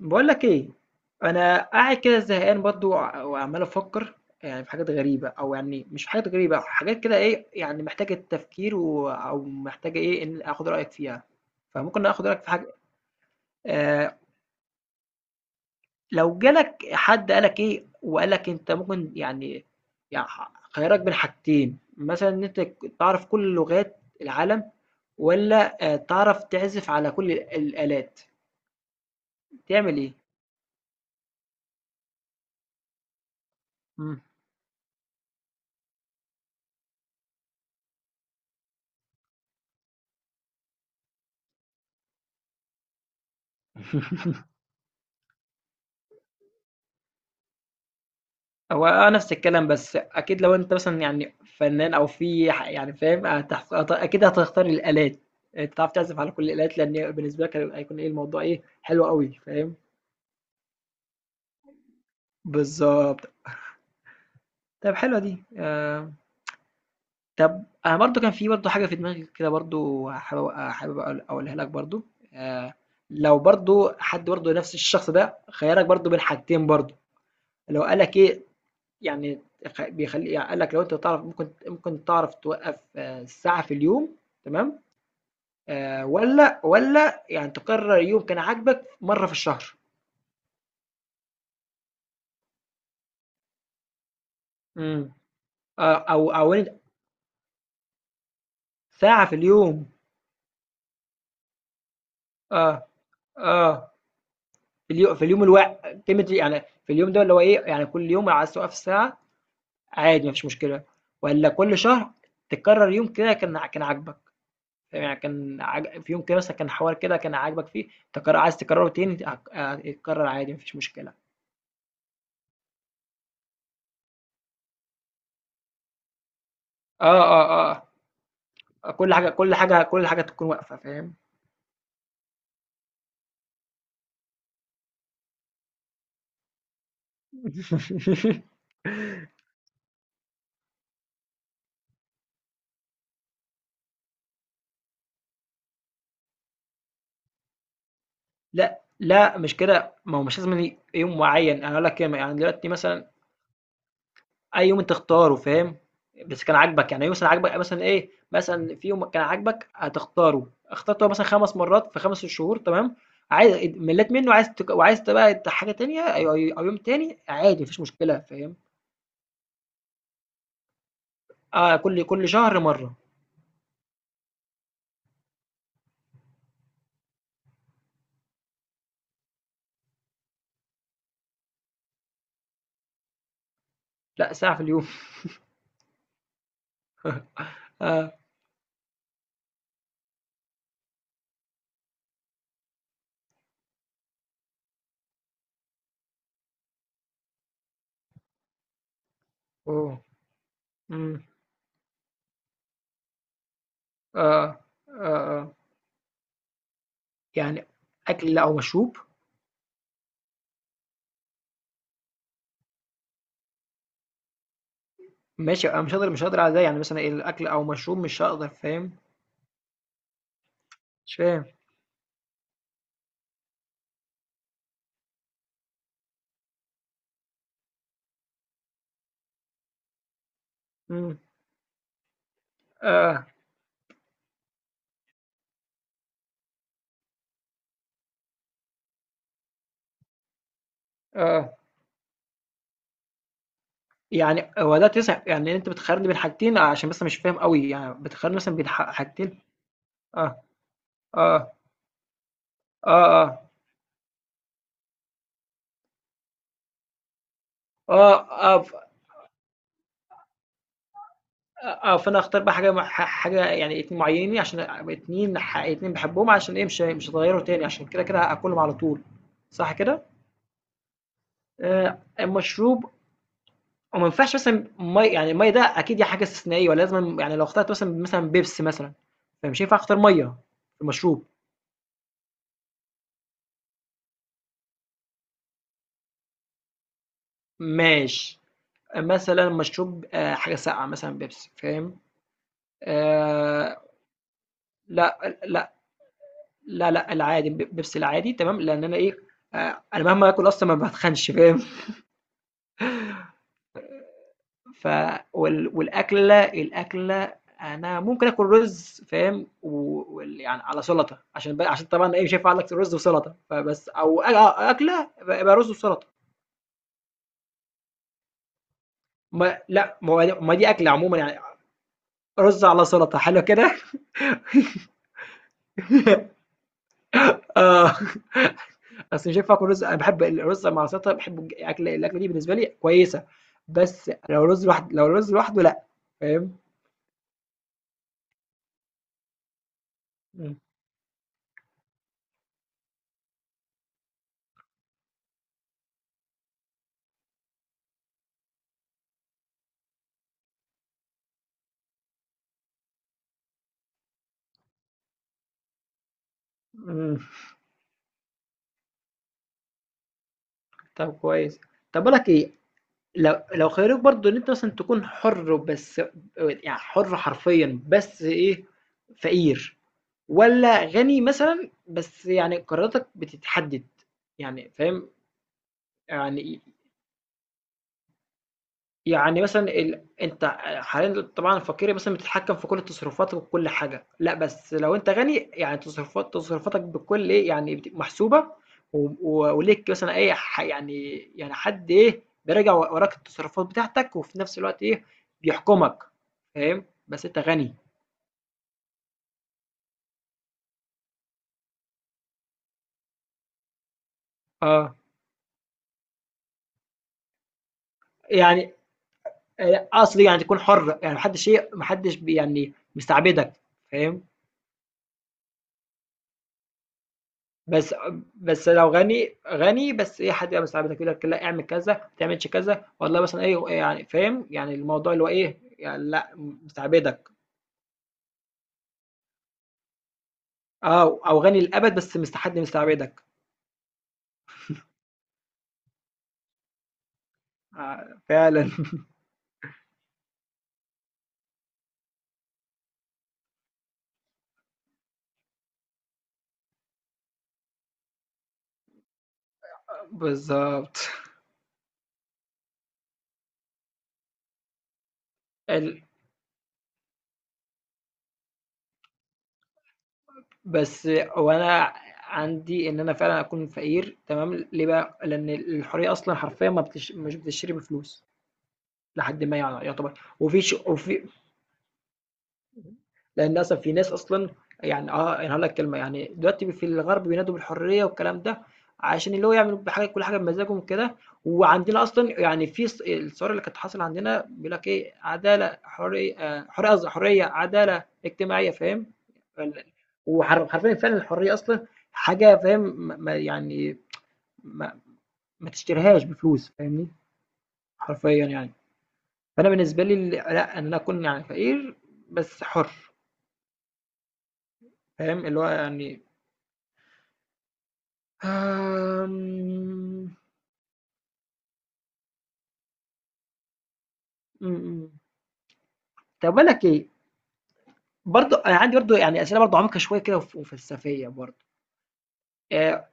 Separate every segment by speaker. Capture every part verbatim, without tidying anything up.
Speaker 1: بقول لك ايه. انا قاعد كده زهقان برضو وع- وعمال افكر. يعني في حاجات غريبه او يعني مش في حاجات غريبه، حاجات كده ايه، يعني محتاجه تفكير و... او محتاجه ايه، ان اخد رايك فيها. فممكن اخد رايك في حاجه. آه. لو جالك حد قالك ايه وقالك انت ممكن يعني، يعني خيارك بين حاجتين مثلا، ان انت تعرف كل لغات العالم، ولا آه تعرف تعزف على كل الالات، تعمل ايه؟ هو آه، نفس الكلام، بس أكيد لو أنت مثلًا يعني فنان أو في ح يعني فاهم، هتحت هت أكيد هتختار الآلات. أنت تعرف تعزف على كل الآلات، لأن بالنسبة لك هي هيكون إيه الموضوع، إيه حلو أوي، فاهم؟ بالضبط. طب حلوة دي. آآ، طب أنا برضه كان في برضه حاجة في دماغي كده برضه، حابب حابب أقول أقولها لك برضه. آآ، لو برضه حد برضه نفس الشخص ده خيّرك برضه بين حاجتين برضه، اللي هو قال لك إيه، يعني خ- بيخلي يعني قال لك لو انت تعرف ممكن ممكن تعرف توقف آه، ساعة في اليوم. تمام. آه، ولا ولا يعني تقرر يوم كان عاجبك مرة في الشهر. امم. آه، او او انت. ساعة في اليوم. اه اه. في اليوم في اليوم الواحد، كلمة يعني في اليوم ده اللي هو ايه، يعني كل يوم عايز توقف ساعة عادي مفيش مشكلة، ولا كل شهر تكرر يوم كده كان ع- كان عاجبك. يعني كان عاج- في يوم كده مثلا كان حوار كده كان عاجبك فيه تكرر، عايز تكرره تاني هك- هيتكرر عادي مفيش مشكلة. آه، آه، آه، كل حاجة كل حاجة كل حاجة تكون واقفة، فاهم؟ لأ، لأ، مش كده، ما هو مش لازم ي يوم معين، أنا هاقول لك يم يعني دلوقتي مثلًا. أي يوم أنت اختاره، فاهم؟ بس كان عاجبك، يعني مثلًا عاجبك مثلًا إيه، مثلًا في يوم كان عاجبك هتختاره، اخترته مثلًا 5 مرات في 5 شهور تمام. عاي مليت منه، عايز تك وعايز ت بقى ت حاجة تانية أو أو أو يوم تاني عادي ما فيش مشكلة، فاهم؟ آه، كل كل شهر مرة. لأ، ساعة في اليوم. آه. أوه. إمم. آه، آه، آه. يعني أكل أو مشروب؟ ماشي. أنا مش هاقدر مش هاقدر على ده، يعني مثلًا إيه الأكل أو مشروب مش هاقدر، فاهم؟ مش فاهم. إمم. آه، آه، آه. يعني هو ده تسع، يعني أنت بتخيّرني بين حاجتين عشان بس مش فاهم أوي، يعني بتخيّرني مثلًا بين ح حاجتين. آه، آه، آه، آه، آه، آه، آه. ف آه، آه، فأنا هاختار بقى حاجة مع ح حاجة يعني ات معيّنين عشان أبقى اتنين ح اتنين باحبهم، عشان إيه مش مش هاغيّروا تاني، عشان كده كده هاكلهم على طول. صح كده؟ آآ المشروب. وما ينفعش مثلا مي يعني المية ده أكيد دي حاجة استثنائية، ولازم يعني لو اخترت مثلا مثلا بيبسي مثلا، فمش هينفع أختار مية في مشروب. ماشي. مثلا مشروب آه، حاجة ساقعة مثلا بيبسي، فاهم؟ آه. لا لا لا لا، العادي، بيبسي العادي تمام، لأن أنا إيه، آه أنا مهما آكل أصلا ما بتخنش، فاهم؟ ف وال والأكلة الأكلة أنا ممكن آكل رز، فاهم؟ و وال يعني على سلطة، عشان ب عشان طبعًا إيه مش هينفع أقول لك رز وسلطة، فبس أو أ آه أكلة يبقى رز وسلطة. ما لأ ما هو د ما دي أكلة عمومًا، يعني رز على سلطة، حلو كده. آه. بس مش هينفع آكل رز، أنا باحب الرز مع السلطة، باحبه، ج أكلة الأكلة دي بالنسبة لي كويسة، بس لو رز لوحد لو رز لوحده لأ، فاهم؟ إمم، إمم. طب كويس. طب باقول لك إيه. لو لو خيروك برضو ان انت مثلا تكون حر، بس يعني حر حرفيا، بس ايه، فقير ولا غني مثلا، بس يعني قراراتك بتتحدد، يعني فاهم؟ يعني. يعني مثلًا ال أنت حاليًا طبعًا الفقير مثلًا بتتحكم في كل تصرفاتك وكل حاجة. لأ بس لو أنت غني يعني تصرفات تصرفاتك بكل إيه، يعني بت محسوبة، و و وليك مثلًا إيه ح يعني، يعني حد إيه بيراجع و وراك التصرفات بتاعتك، وفي نفس الوقت إيه بيحكمك، فاهم؟ بس أنت غني. آه. يعني آآ قصدي يعني تكون حر، يعني ما حدش إيه ما حدش ب يعني مستعبدك، فاهم؟ بس بس لو غني غني، بس ايه حد يبقى مساعدك يقول لك لا اعمل كذا، ما تعملش كذا والله مثلا ايه، يعني فاهم؟ يعني الموضوع اللي هو ايه، يعني لا مستعبدك. اه، او غني للابد بس مست حد مستعبدك. آه، فعلا. بالظبط. ال- بس وانا عندي ان انا فعلا اكون فقير تمام، ليه بقى؟ لان الحريه اصلا حرفيا ما بتش... مش بتشتري بفلوس، لحد ما يعني يعتبر وفي ش... وفي لان اصلا في ناس اصلا. يعني اه انا هقول لك كلمه، يعني دلوقتي في الغرب بينادوا بالحريه والكلام ده، عشان اللي هو يعمل بحاجه كل حاجه بمزاجهم كده، وعندنا اصلا يعني في الص- الثوره اللي كانت حاصله عندنا بيقول لك ايه، عداله حريه، آه، حريه قصدي حريه عداله اجتماعيه، فاهم؟ وحرفيا فعلا الحريه اصلا حاجه فاهم، ما ما- يعني ما, ما تشتريهاش بفلوس، فاهمني؟ حرفيا يعني، فانا بالنسبه لي ال- لا ان انا اكون يعني فقير بس حر، فاهم؟ اللي هو يعني. آمم. إمم، إمم. طب باقول لك إيه، برضه أنا عندي برضه يعني أسئلة برضه عميقة شوية كده، وف وفلسفية برضه. آآ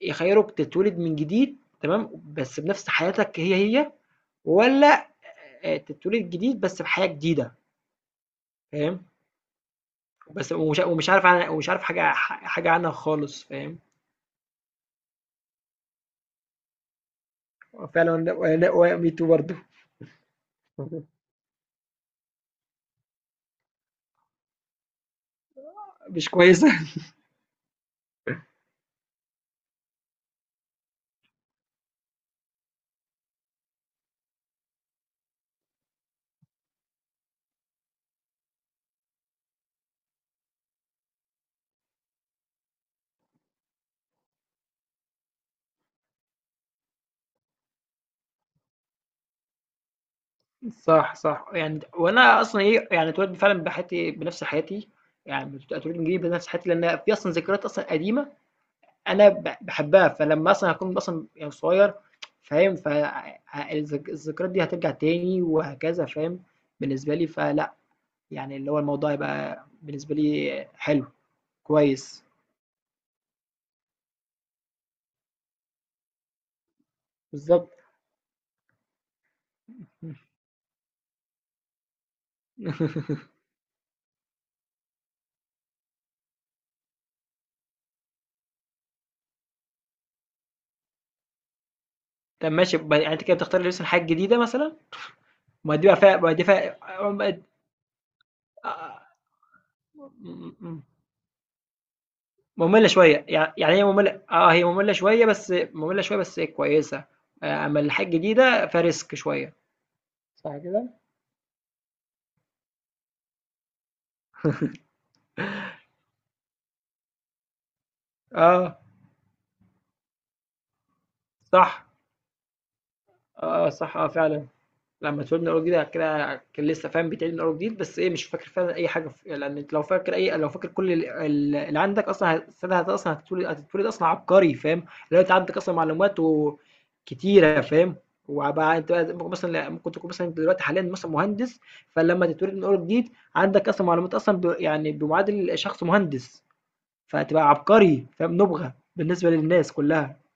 Speaker 1: يخيّروك تتولد من جديد تمام، بس بنفس حياتك هي، هي، والّا آآ تتولد جديد بس بحياة جديدة، فاهم؟ بس ومش ومش عارف عنها، ومش عارف حاجة ح حاجة عنها خالص، فاهم؟ فعلًا. و و و me too برضه. مش كويسة. صح صح، يعني وانا اصلا ايه، يعني اتولدت فعلا بحياتي، بنفس حياتي، يعني اتولدت جديد بنفس حياتي، لان في اصلا ذكريات اصلا قديمه انا ب- بحبها، فلما اصلا هكون اصلا يعني صغير، فاهم؟ فالذكريات دي هترجع تاني وهكذا، فاهم؟ بالنسبه لي فلا، يعني اللي هو الموضوع يبقى بالنسبه لي حلو كويس. بالظبط. طب ماشي. ب- يعني انت كده بتختار لسه حاجه جديده مثلا، ما دي بقى فيها، ما دي فيها مملة شوية. يع يعني هي مملة، آه، هي مملة شوية، بس مملة شوية بس كويسة. آآ، أمّا الحاجات الجديدة فRisk شوية. صح كده؟ آه، صح، آه، صح، آه، فعلًا. لمّا اتولد من أول وجديد، كده كان لسه فاهم، بيتعيد من أول وجديد، بس إيه مش فاكر فعلًا أي حاجة، ف لأن أنت لو فاكر أي لو فاكر كل ال ال اللي عندك أصلًا هت ساعتها هت أصلًا هتتولد هتتولد أصلًا عبقري، فاهم؟ اللي هو أنت عندك أصلًا معلومات و كتيرة، فاهم؟ وبقى أنت بقى ممكن مثلًا ممكن تكون مثلًا انت دلوقتي حاليًا مثلًا مهندس، فلمّا تتولد من أول وجديد عندك أصلًا معلومات أصلًا ب يعني بمعادل شخص مهندس، فهتبقى عبقري، فاهم؟ نُبغة بالنسبة للناس كلها.